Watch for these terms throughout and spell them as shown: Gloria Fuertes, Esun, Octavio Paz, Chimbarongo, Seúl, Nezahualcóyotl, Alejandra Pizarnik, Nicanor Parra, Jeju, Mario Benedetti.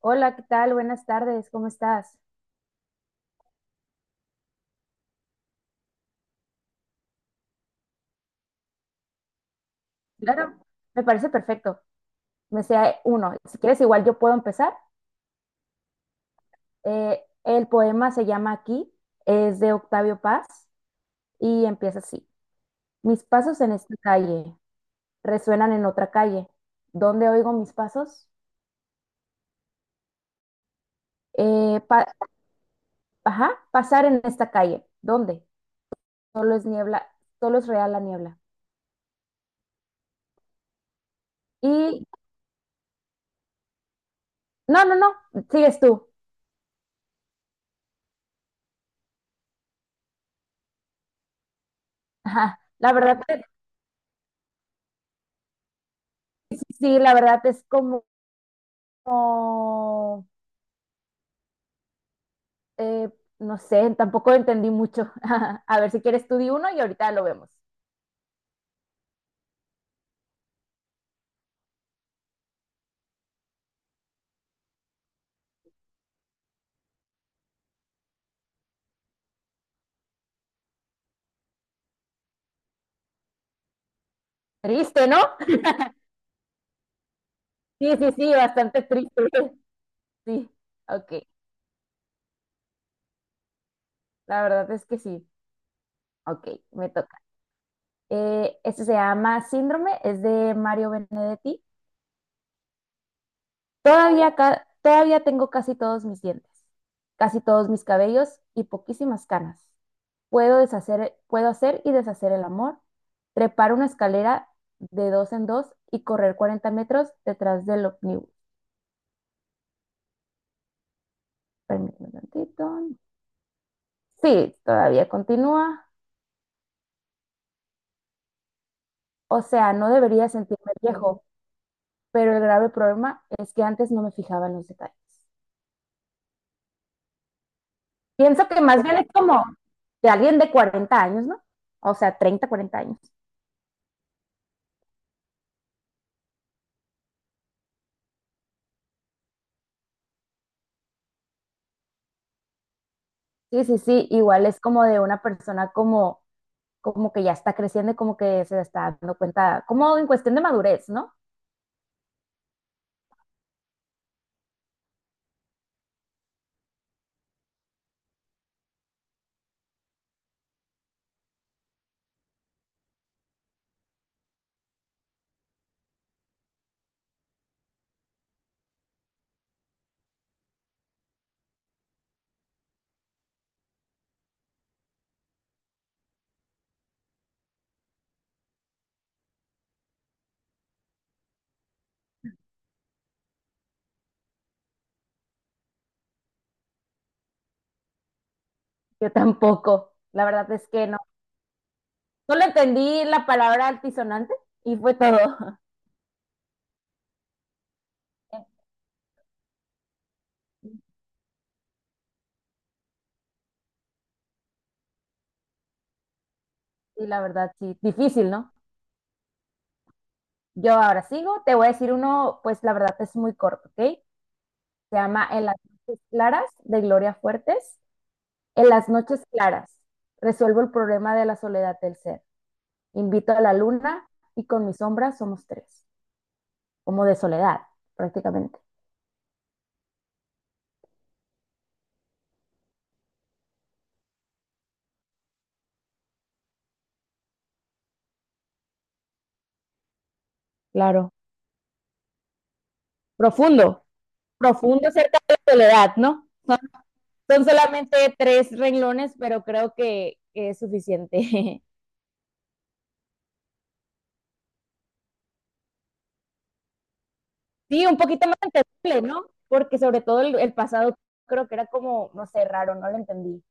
Hola, ¿qué tal? Buenas tardes, ¿cómo estás? Claro, me parece perfecto. Me sea uno. Si quieres, igual yo puedo empezar. El poema se llama Aquí, es de Octavio Paz y empieza así. Mis pasos en esta calle resuenan en otra calle. ¿Dónde oigo mis pasos? Eh, pa- ajá, pasar en esta calle. ¿Dónde? Solo es niebla, solo es real la niebla. Y no, no, no, sigues tú. Ajá. La verdad, sí, sí, la verdad es como... Eh, no sé, tampoco entendí mucho. A ver, si quieres tú di uno y ahorita lo vemos. Triste, ¿no? Sí, sí, sí, bastante triste. Sí, ok. La verdad es que sí. Ok, me toca. Este se llama Síndrome, es de Mario Benedetti. Todavía tengo casi todos mis dientes, casi todos mis cabellos y poquísimas canas. Puedo hacer y deshacer el amor, trepar una escalera de dos en dos y correr 40 metros detrás del ómnibus. Permíteme un tantito. Sí, todavía continúa. O sea, no debería sentirme viejo, pero el grave problema es que antes no me fijaba en los detalles. Pienso que más bien es como de alguien de 40 años, ¿no? O sea, 30, 40 años. Sí, sí, sí, igual es como de una persona como que ya está creciendo y como que se está dando cuenta, como en cuestión de madurez, ¿no? Yo tampoco, la verdad es que no. Solo entendí la palabra altisonante y fue todo. Y la verdad, sí, difícil, ¿no? Yo ahora sigo, te voy a decir uno, pues la verdad es muy corto, ¿ok? Se llama En las noches claras, de Gloria Fuertes. En las noches claras, resuelvo el problema de la soledad del ser. Invito a la luna y con mi sombra somos tres. Como de soledad, prácticamente. Claro. Profundo, profundo acerca de la soledad, ¿no? Son solamente tres renglones, pero creo que es suficiente. Sí, un poquito más entendible, ¿no? Porque sobre todo el pasado creo que era como, no sé, raro, no lo entendí.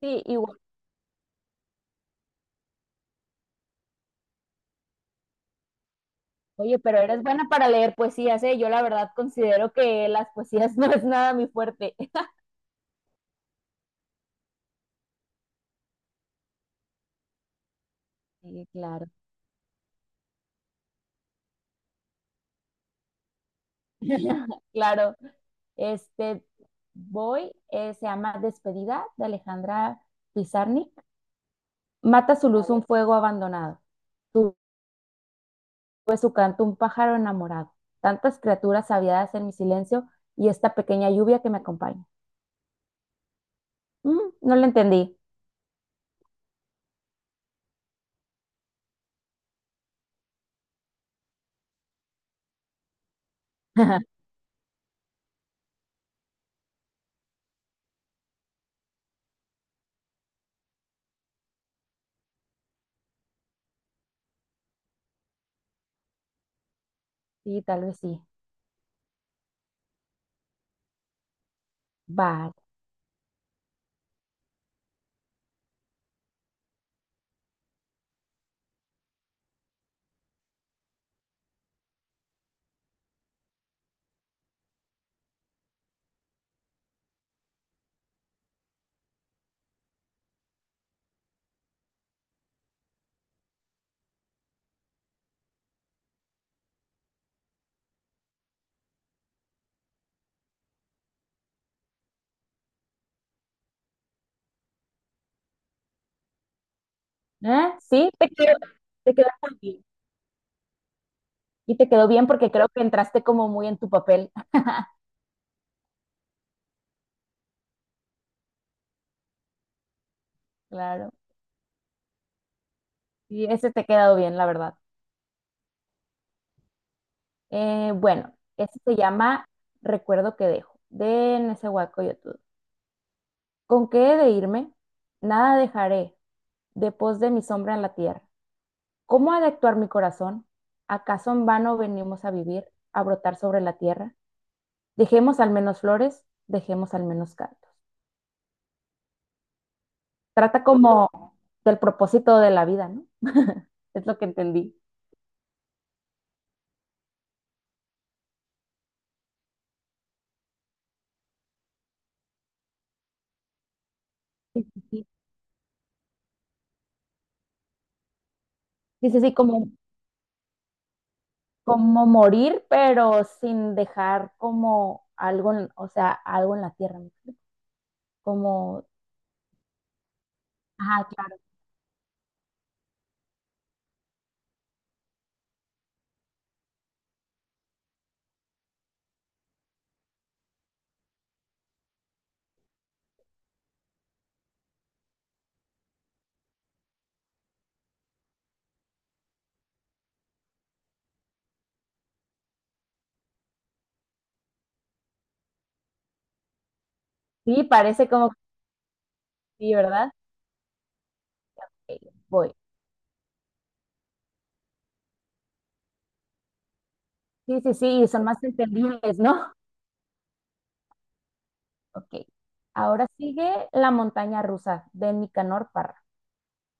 Sí, igual. Oye, pero eres buena para leer poesías, ¿eh? Yo la verdad considero que las poesías no es nada mi fuerte. Sí, claro. Claro. Este, voy, se llama Despedida, de Alejandra Pizarnik. Mata su luz un fuego abandonado. Tuve su canto un pájaro enamorado. Tantas criaturas aviadas en mi silencio y esta pequeña lluvia que me acompaña. No la entendí. Sí, tal vez sí. Vale. ¿Eh? Sí, te quedó muy bien. Y te quedó bien porque creo que entraste como muy en tu papel. Claro. Y ese te ha quedado bien, la verdad. Bueno, este se llama Recuerdo que dejo, de Nezahualcóyotl. ¿Con qué he de irme? Nada dejaré, de pos de mi sombra en la tierra. ¿Cómo ha de actuar mi corazón? ¿Acaso en vano venimos a vivir, a brotar sobre la tierra? Dejemos al menos flores, dejemos al menos cantos. Trata como del propósito de la vida, ¿no? Es lo que entendí. Sí, sí, sí. Sí, sí, sí, como, como morir, pero sin dejar como algo, o sea, algo en la tierra, ¿no? Como, ajá, claro. Sí, parece como que sí, ¿verdad? Ok, voy. Sí, sí, sí, y son más entendibles, ¿no? Ok. Ahora sigue La montaña rusa, de Nicanor Parra.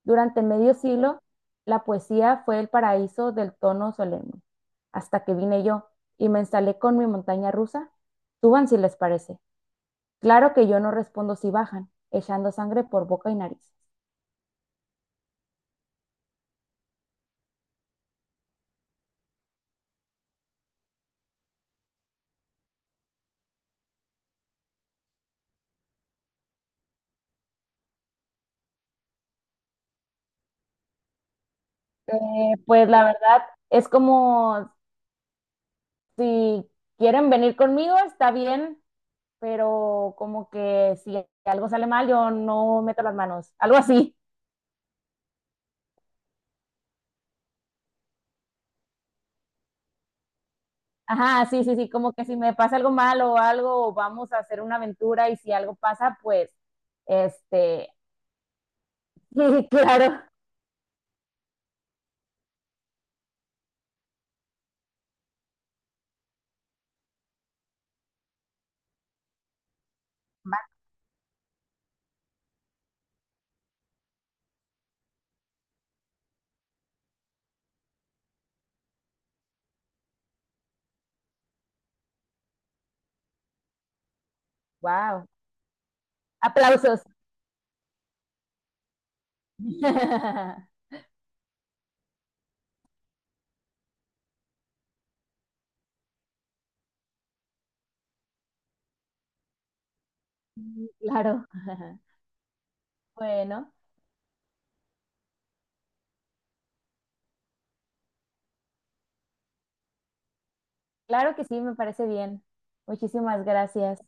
Durante medio siglo, la poesía fue el paraíso del tono solemne. Hasta que vine yo y me instalé con mi montaña rusa. Suban si les parece. Claro que yo no respondo si bajan echando sangre por boca y nariz. Eh, pues la verdad es como, si quieren venir conmigo, está bien, pero como que si algo sale mal, yo no meto las manos, algo así. Ajá, sí, sí, sí, como que si me pasa algo malo o algo, vamos a hacer una aventura y si algo pasa, pues, este, sí, claro, wow, aplausos. Claro, bueno, claro que sí, me parece bien. Muchísimas gracias.